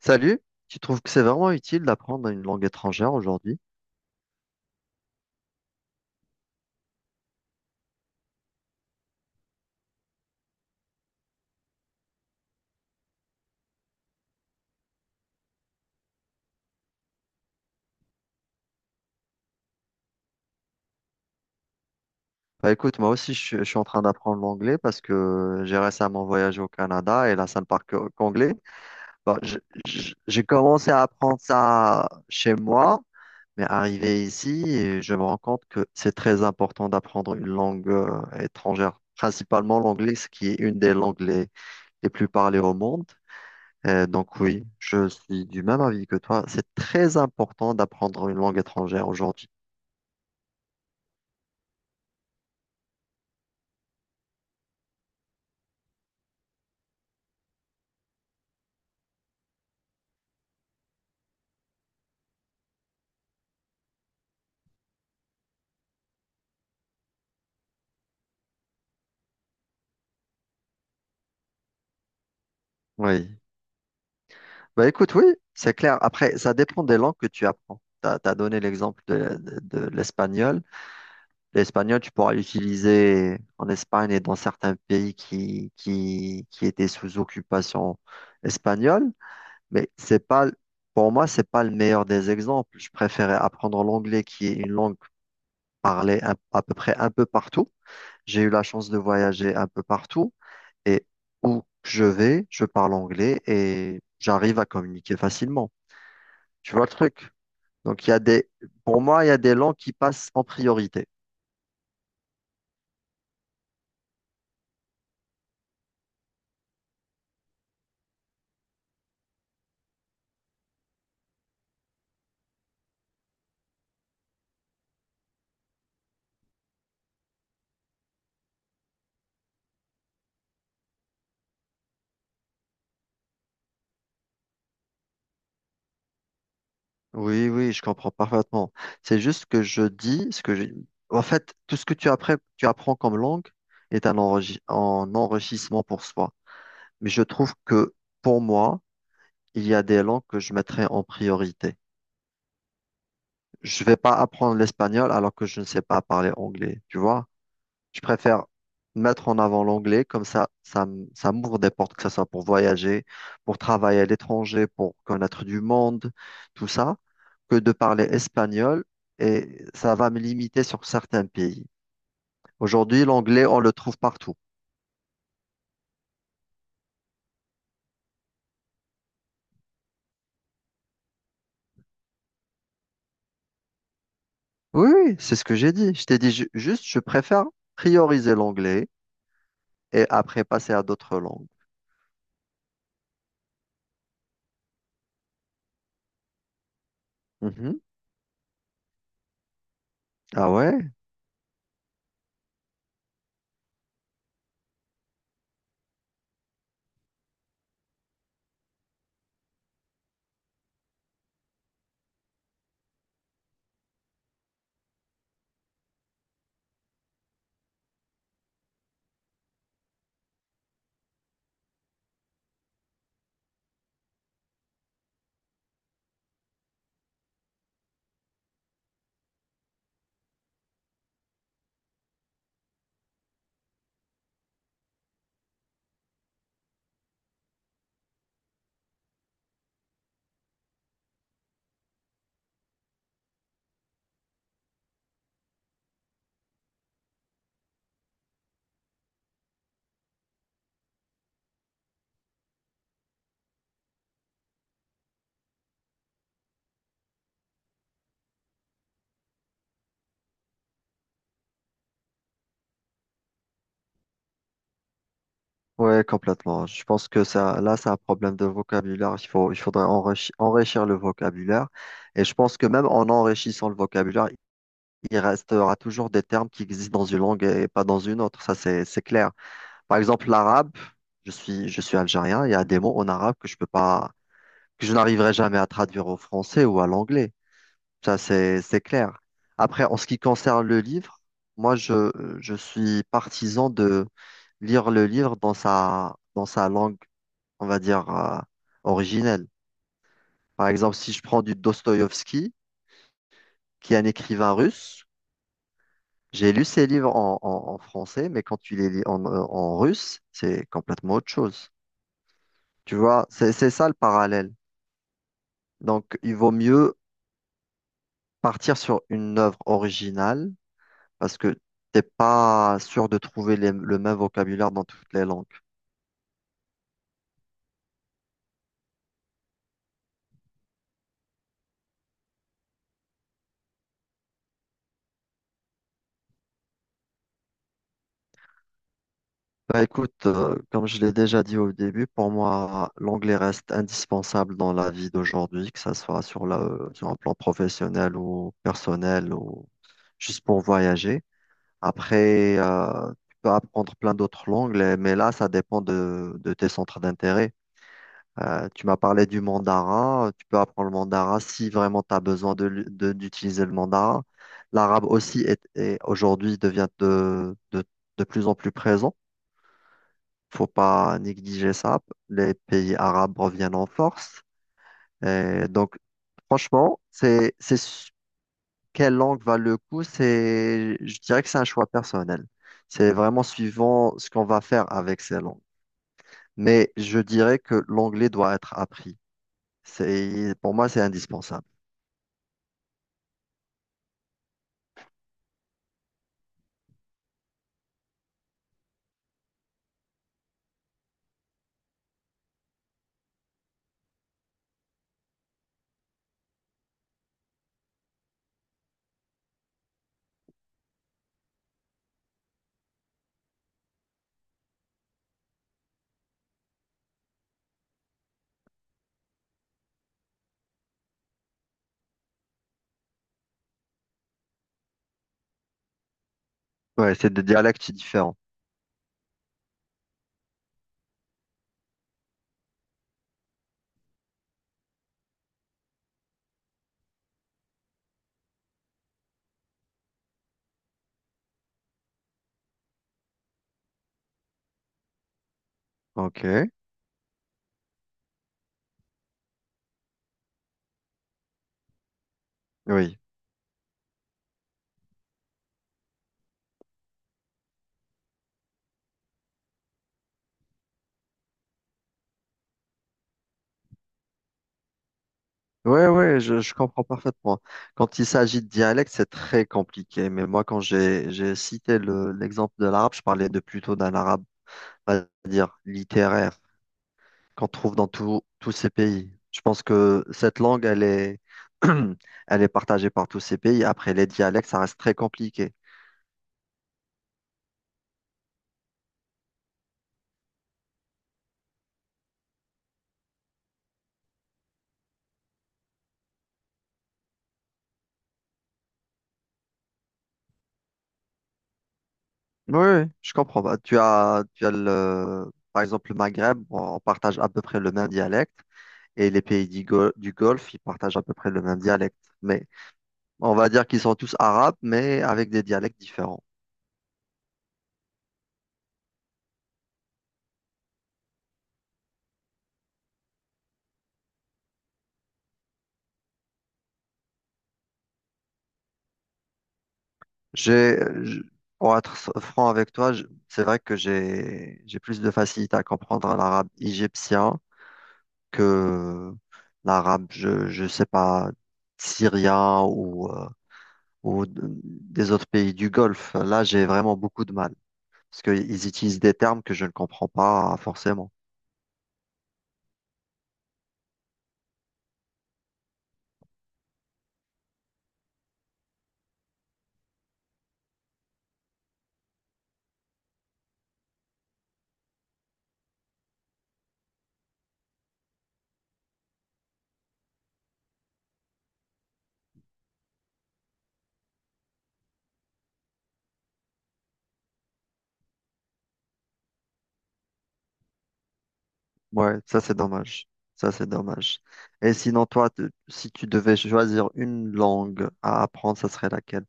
Salut, tu trouves que c'est vraiment utile d'apprendre une langue étrangère aujourd'hui? Bah écoute, moi aussi je suis en train d'apprendre l'anglais parce que j'ai récemment voyagé au Canada et là ça ne qu'anglais. Bah, je- j'ai commencé à apprendre ça chez moi, mais arrivé ici, et je me rends compte que c'est très important d'apprendre une langue étrangère, principalement l'anglais, ce qui est une les plus parlées au monde. Donc oui, je suis du même avis que toi, c'est très important d'apprendre une langue étrangère aujourd'hui. Oui. Bah écoute, oui, c'est clair. Après, ça dépend des langues que tu apprends. Tu as donné l'exemple de l'espagnol. L'espagnol, tu pourras l'utiliser en Espagne et dans certains pays qui étaient sous occupation espagnole, mais c'est pas, pour moi, c'est pas le meilleur des exemples. Je préférais apprendre l'anglais qui est une langue parlée à peu près un peu partout. J'ai eu la chance de voyager un peu partout et où je vais, je parle anglais et j'arrive à communiquer facilement. Tu vois le truc? Donc, il y a des, pour moi, il y a des langues qui passent en priorité. Oui, oui, je comprends parfaitement. C'est juste que je dis ce que j'ai. En fait, tout ce que tu apprends comme langue est un enrichissement pour soi. Mais je trouve que pour moi, il y a des langues que je mettrais en priorité. Je vais pas apprendre l'espagnol alors que je ne sais pas parler anglais, tu vois? Je préfère mettre en avant l'anglais, comme ça, ça m'ouvre des portes, que ce soit pour voyager, pour travailler à l'étranger, pour connaître du monde, tout ça, que de parler espagnol et ça va me limiter sur certains pays. Aujourd'hui, l'anglais, on le trouve partout. Oui, oui, c'est ce que j'ai dit. Je t'ai dit juste, je préfère prioriser l'anglais et après passer à d'autres langues. Mhm. Ah ouais? Ouais, complètement. Je pense que ça, là, c'est un problème de vocabulaire. Il faudrait enrichir le vocabulaire. Et je pense que même en enrichissant le vocabulaire, il restera toujours des termes qui existent dans une langue et pas dans une autre. Ça, c'est clair. Par exemple, l'arabe, je suis algérien. Il y a des mots en arabe que je peux pas, que je n'arriverai jamais à traduire au français ou à l'anglais. Ça, c'est clair. Après, en ce qui concerne le livre, moi, je, je suis partisan de lire le livre dans sa langue on va dire, originelle. Par exemple, si je prends du Dostoïevski, qui est un écrivain russe, j'ai lu ses livres en français, mais quand tu les lis en, en russe, c'est complètement autre chose. Tu vois, c'est ça le parallèle. Donc, il vaut mieux partir sur une œuvre originale parce que t'es pas sûr de trouver le même vocabulaire dans toutes les langues. Bah écoute, comme je l'ai déjà dit au début, pour moi, l'anglais reste indispensable dans la vie d'aujourd'hui, que ça soit sur un plan professionnel ou personnel ou juste pour voyager. Après, tu peux apprendre plein d'autres langues, mais là, ça dépend de tes centres d'intérêt. Tu m'as parlé du mandarin, tu peux apprendre le mandarin si vraiment tu as besoin d'utiliser le mandarin. L'arabe aussi aujourd'hui devient de plus en plus présent, faut pas négliger ça. Les pays arabes reviennent en force. Et donc, franchement, quelle langue va le coup? C'est, je dirais que c'est un choix personnel. C'est vraiment suivant ce qu'on va faire avec ces langues. Mais je dirais que l'anglais doit être appris. Pour moi, c'est indispensable. Ouais, c'est des dialectes différents. Ok, oui. Ouais, ouais, je comprends parfaitement. Quand il s'agit de dialecte, c'est très compliqué. Mais moi, j'ai cité l'exemple de l'arabe, je parlais de plutôt d'un arabe, on va dire, littéraire, qu'on trouve dans tous ces pays. Je pense que cette langue, elle est partagée par tous ces pays. Après, les dialectes, ça reste très compliqué. Oui, oui, je comprends. Bah, tu as, tu as le, par exemple, le Maghreb, on partage à peu près le même dialecte. Et les pays du Golfe, ils partagent à peu près le même dialecte. Mais on va dire qu'ils sont tous arabes, mais avec des dialectes différents. J'ai, je- pour être franc avec toi, c'est vrai que j'ai plus de facilité à comprendre l'arabe égyptien que l'arabe, je sais pas, syrien ou des autres pays du Golfe. Là, j'ai vraiment beaucoup de mal parce qu'ils utilisent des termes que je ne comprends pas forcément. Ouais, ça c'est dommage. Ça c'est dommage. Et sinon, toi, si tu devais choisir une langue à apprendre, ça serait laquelle?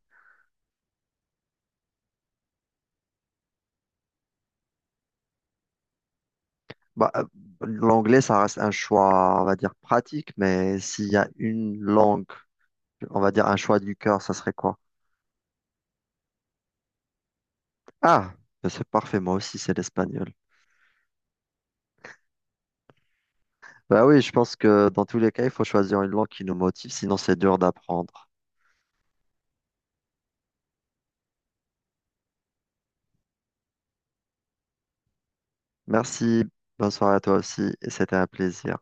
Bah, l'anglais, ça reste un choix, on va dire, pratique, mais s'il y a une langue, on va dire un choix du cœur, ça serait quoi? Ah, ben, c'est parfait, moi aussi, c'est l'espagnol. Bah oui, je pense que dans tous les cas, il faut choisir une langue qui nous motive, sinon c'est dur d'apprendre. Merci, bonne soirée à toi aussi, et c'était un plaisir.